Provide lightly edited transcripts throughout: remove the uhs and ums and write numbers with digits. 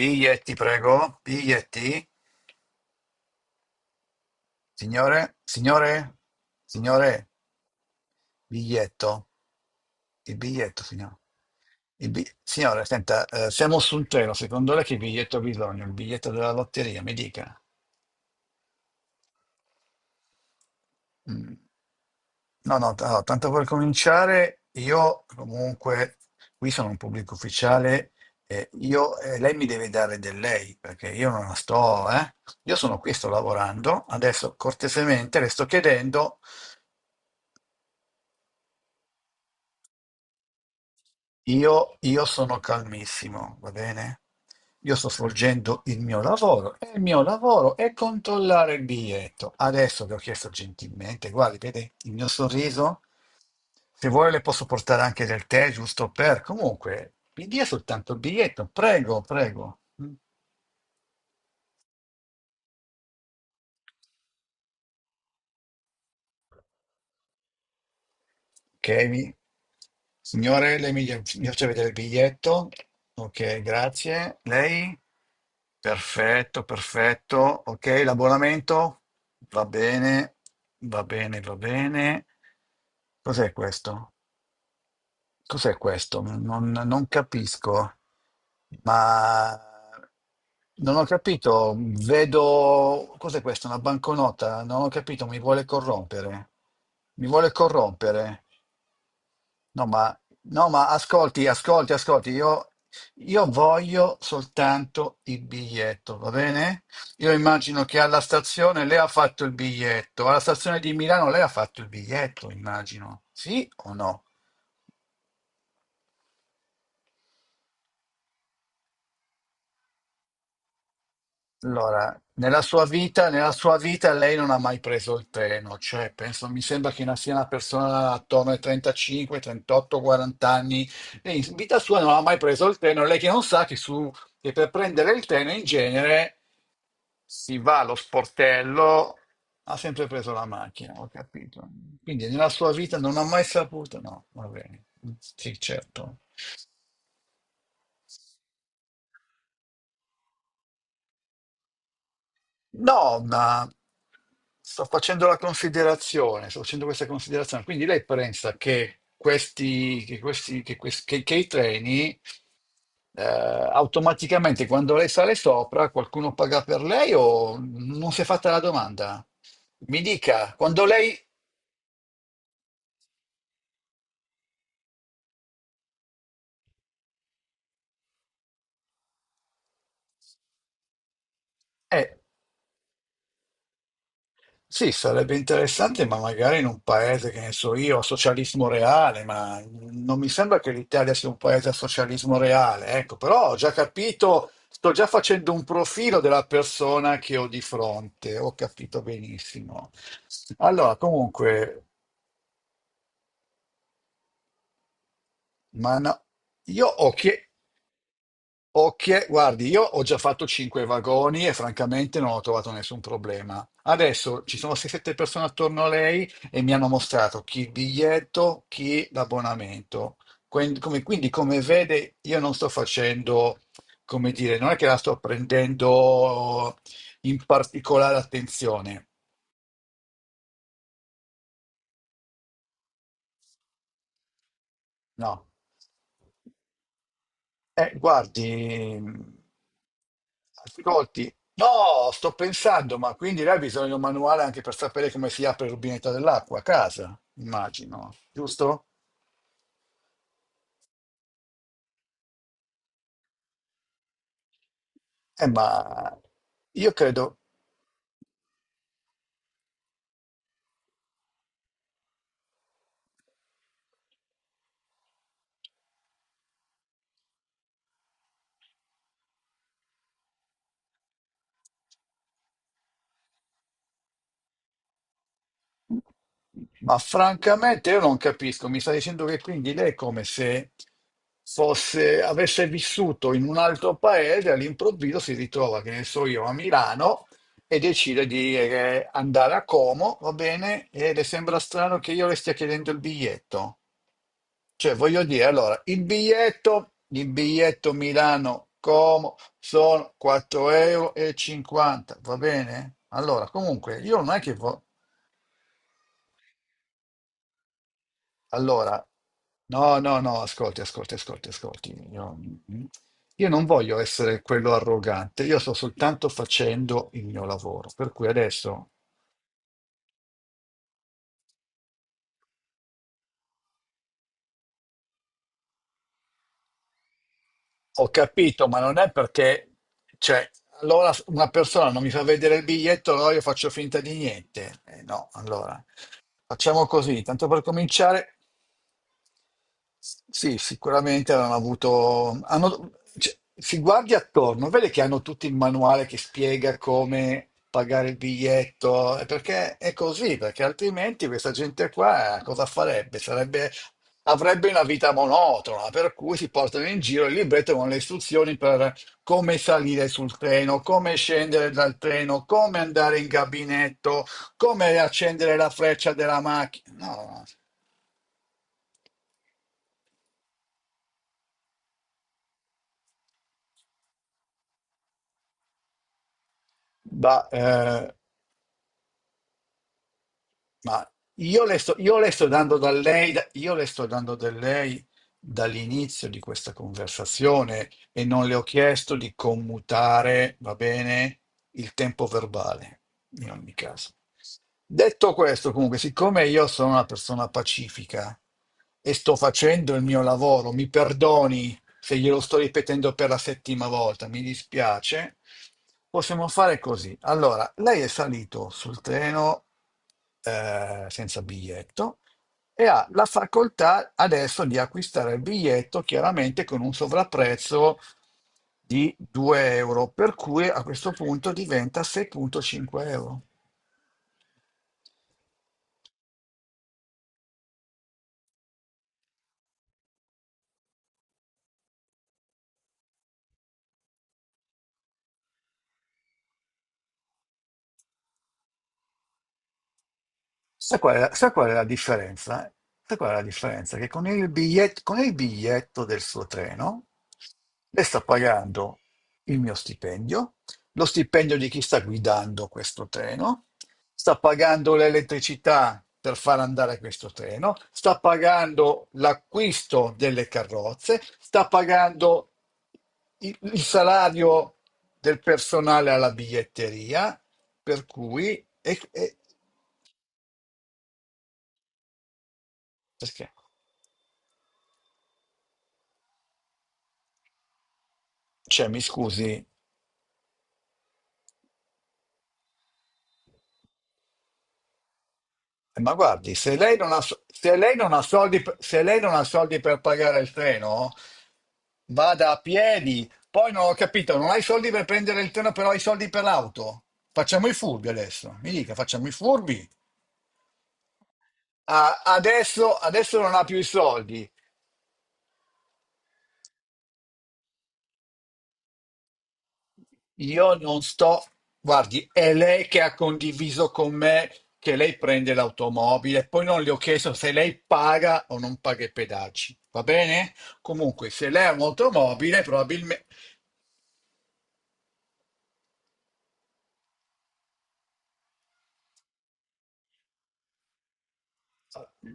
Biglietti, prego. Biglietti. Signore, signore, signore, biglietto. Il biglietto, signore. Signore, senta, siamo su un treno. Secondo lei che biglietto ha bisogno? Il biglietto della lotteria, mi dica. Mm. No, no, allora, tanto per cominciare, io comunque qui sono un pubblico ufficiale, lei mi deve dare del lei, perché io non la sto. Io sono qui, sto lavorando, adesso cortesemente le sto chiedendo. Io sono calmissimo, va bene? Io sto svolgendo il mio lavoro e il mio lavoro è controllare il biglietto. Adesso vi ho chiesto gentilmente, guardi, vede il mio sorriso? Se vuole le posso portare anche del tè, giusto per... Comunque, mi dia soltanto il biglietto, prego, prego. Mm. Ok, signore, lei mi faccia vedere il biglietto. Ok, grazie. Lei? Perfetto, perfetto. Ok, l'abbonamento? Va bene, va bene, va bene. Cos'è questo? Cos'è questo? Non capisco, ma non ho capito. Vedo, cos'è questo? Una banconota? Non ho capito, mi vuole corrompere. Mi vuole corrompere. No, ma, no, ma ascolti, ascolti, ascolti, io voglio soltanto il biglietto, va bene? Io immagino che alla stazione lei ha fatto il biglietto, alla stazione di Milano lei ha fatto il biglietto, immagino, sì o no? Allora, nella sua vita lei non ha mai preso il treno, cioè penso, mi sembra che sia una persona attorno ai 35, 38, 40 anni, e in vita sua non ha mai preso il treno, lei che non sa che, su, che per prendere il treno in genere si va allo sportello, ha sempre preso la macchina, ho capito. Quindi nella sua vita non ha mai saputo, no, va bene, sì, certo. No, ma sto facendo la considerazione, sto facendo questa considerazione. Quindi lei pensa che i treni automaticamente quando lei sale sopra qualcuno paga per lei o non si è fatta la domanda? Mi dica, quando lei... eh, Sì, sarebbe interessante, ma magari in un paese, che ne so io, a socialismo reale, ma non mi sembra che l'Italia sia un paese a socialismo reale, ecco, però ho già capito, sto già facendo un profilo della persona che ho di fronte, ho capito benissimo. Allora, comunque, ma no, io ho chiesto. Ok, guardi, io ho già fatto cinque vagoni e francamente non ho trovato nessun problema. Adesso ci sono 6-7 persone attorno a lei e mi hanno mostrato chi il biglietto, chi l'abbonamento. Quindi, come vede, io non sto facendo, come dire, non è che la sto prendendo in particolare attenzione, no. Guardi, ascolti, no, sto pensando, ma quindi lei ha bisogno di un manuale anche per sapere come si apre il rubinetto dell'acqua a casa, immagino, giusto? Ma io credo. Ma francamente io non capisco, mi sta dicendo che quindi lei è come se fosse, avesse vissuto in un altro paese, all'improvviso si ritrova, che ne so io, a Milano e decide di andare a Como, va bene? E le sembra strano che io le stia chiedendo il biglietto. Cioè, voglio dire, allora, il biglietto Milano-Como sono 4,50 euro, e 50, va bene? Allora, comunque, io non è che... Allora, no, no, no, ascolti, ascolti, ascolti, ascolti. Mm, io non voglio essere quello arrogante, io sto soltanto facendo il mio lavoro. Per cui adesso ho capito, ma non è perché, cioè, allora una persona non mi fa vedere il biglietto, allora io faccio finta di niente. No, allora, facciamo così, tanto per cominciare. Sì, sicuramente hanno avuto. Cioè, si guardi attorno, vede che hanno tutto il manuale che spiega come pagare il biglietto, perché è così, perché altrimenti questa gente qua cosa farebbe? Sarebbe, avrebbe una vita monotona, per cui si portano in giro il libretto con le istruzioni per come salire sul treno, come scendere dal treno, come andare in gabinetto, come accendere la freccia della macchina. No, no. Bah, eh, Ma io le sto dando da lei dall'inizio di questa conversazione e non le ho chiesto di commutare, va bene, il tempo verbale, in ogni caso. Detto questo, comunque, siccome io sono una persona pacifica e sto facendo il mio lavoro, mi perdoni se glielo sto ripetendo per la settima volta, mi dispiace, possiamo fare così. Allora, lei è salito sul treno senza biglietto, e ha la facoltà adesso di acquistare il biglietto chiaramente con un sovrapprezzo di 2 euro, per cui a questo punto diventa 6,5 euro. Sai qual è la differenza? Sai qual è la differenza? Che con il biglietto del suo treno lei sta pagando il mio stipendio, lo stipendio di chi sta guidando questo treno, sta pagando l'elettricità per far andare questo treno, sta pagando l'acquisto delle carrozze, sta pagando il salario del personale alla biglietteria, per cui... e- e- perché? Cioè, mi scusi, ma guardi, se lei non ha soldi per pagare il treno, vada a piedi. Poi non ho capito, non hai soldi per prendere il treno, però hai soldi per l'auto. Facciamo i furbi adesso. Mi dica, facciamo i furbi. Ah, adesso non ha più i soldi. Io non sto, guardi, è lei che ha condiviso con me che lei prende l'automobile, poi non le ho chiesto se lei paga o non paga i pedaggi, va bene? Comunque, se lei ha un'automobile, probabilmente...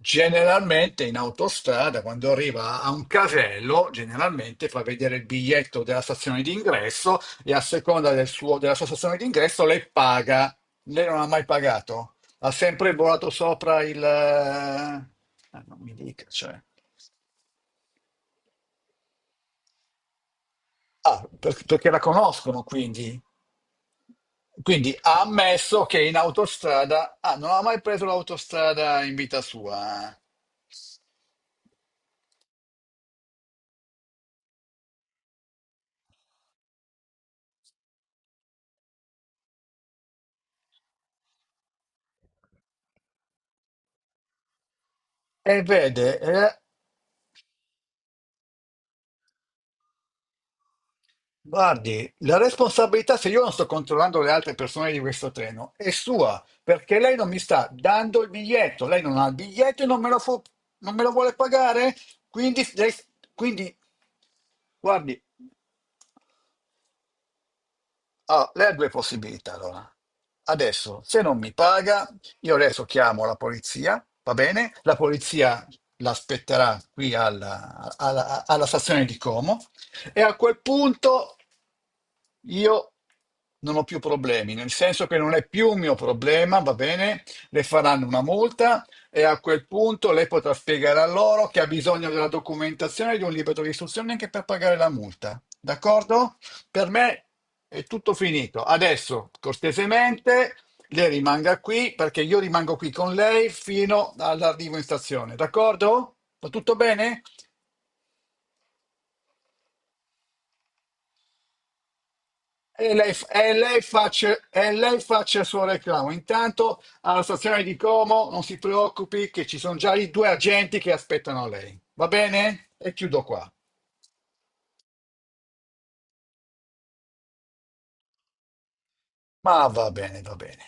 Generalmente in autostrada, quando arriva a un casello, generalmente fa vedere il biglietto della stazione d'ingresso e a seconda della sua stazione d'ingresso lei paga. Lei non ha mai pagato, ha sempre volato sopra il... Ah, non mi dica, cioè. Ah, perché la conoscono, quindi. Quindi ha ammesso che in autostrada... Ah, non ha mai preso l'autostrada in vita sua. E vede, eh, Guardi, la responsabilità, se io non sto controllando le altre persone di questo treno, è sua, perché lei non mi sta dando il biglietto, lei non ha il biglietto e non me lo vuole pagare, quindi, quindi guardi, ah, lei ha due possibilità allora. Adesso, se non mi paga, io adesso chiamo la polizia, va bene? La polizia l'aspetterà qui alla stazione di Como e a quel punto io non ho più problemi, nel senso che non è più un mio problema, va bene? Le faranno una multa e a quel punto lei potrà spiegare a loro che ha bisogno della documentazione di un libro di istruzione anche per pagare la multa, d'accordo? Per me è tutto finito. Adesso, cortesemente, lei rimanga qui perché io rimango qui con lei fino all'arrivo in stazione, d'accordo? Va tutto bene? E lei faccia il suo reclamo. Intanto alla stazione di Como non si preoccupi che ci sono già i due agenti che aspettano lei. Va bene? E chiudo qua. Ma va bene, va bene.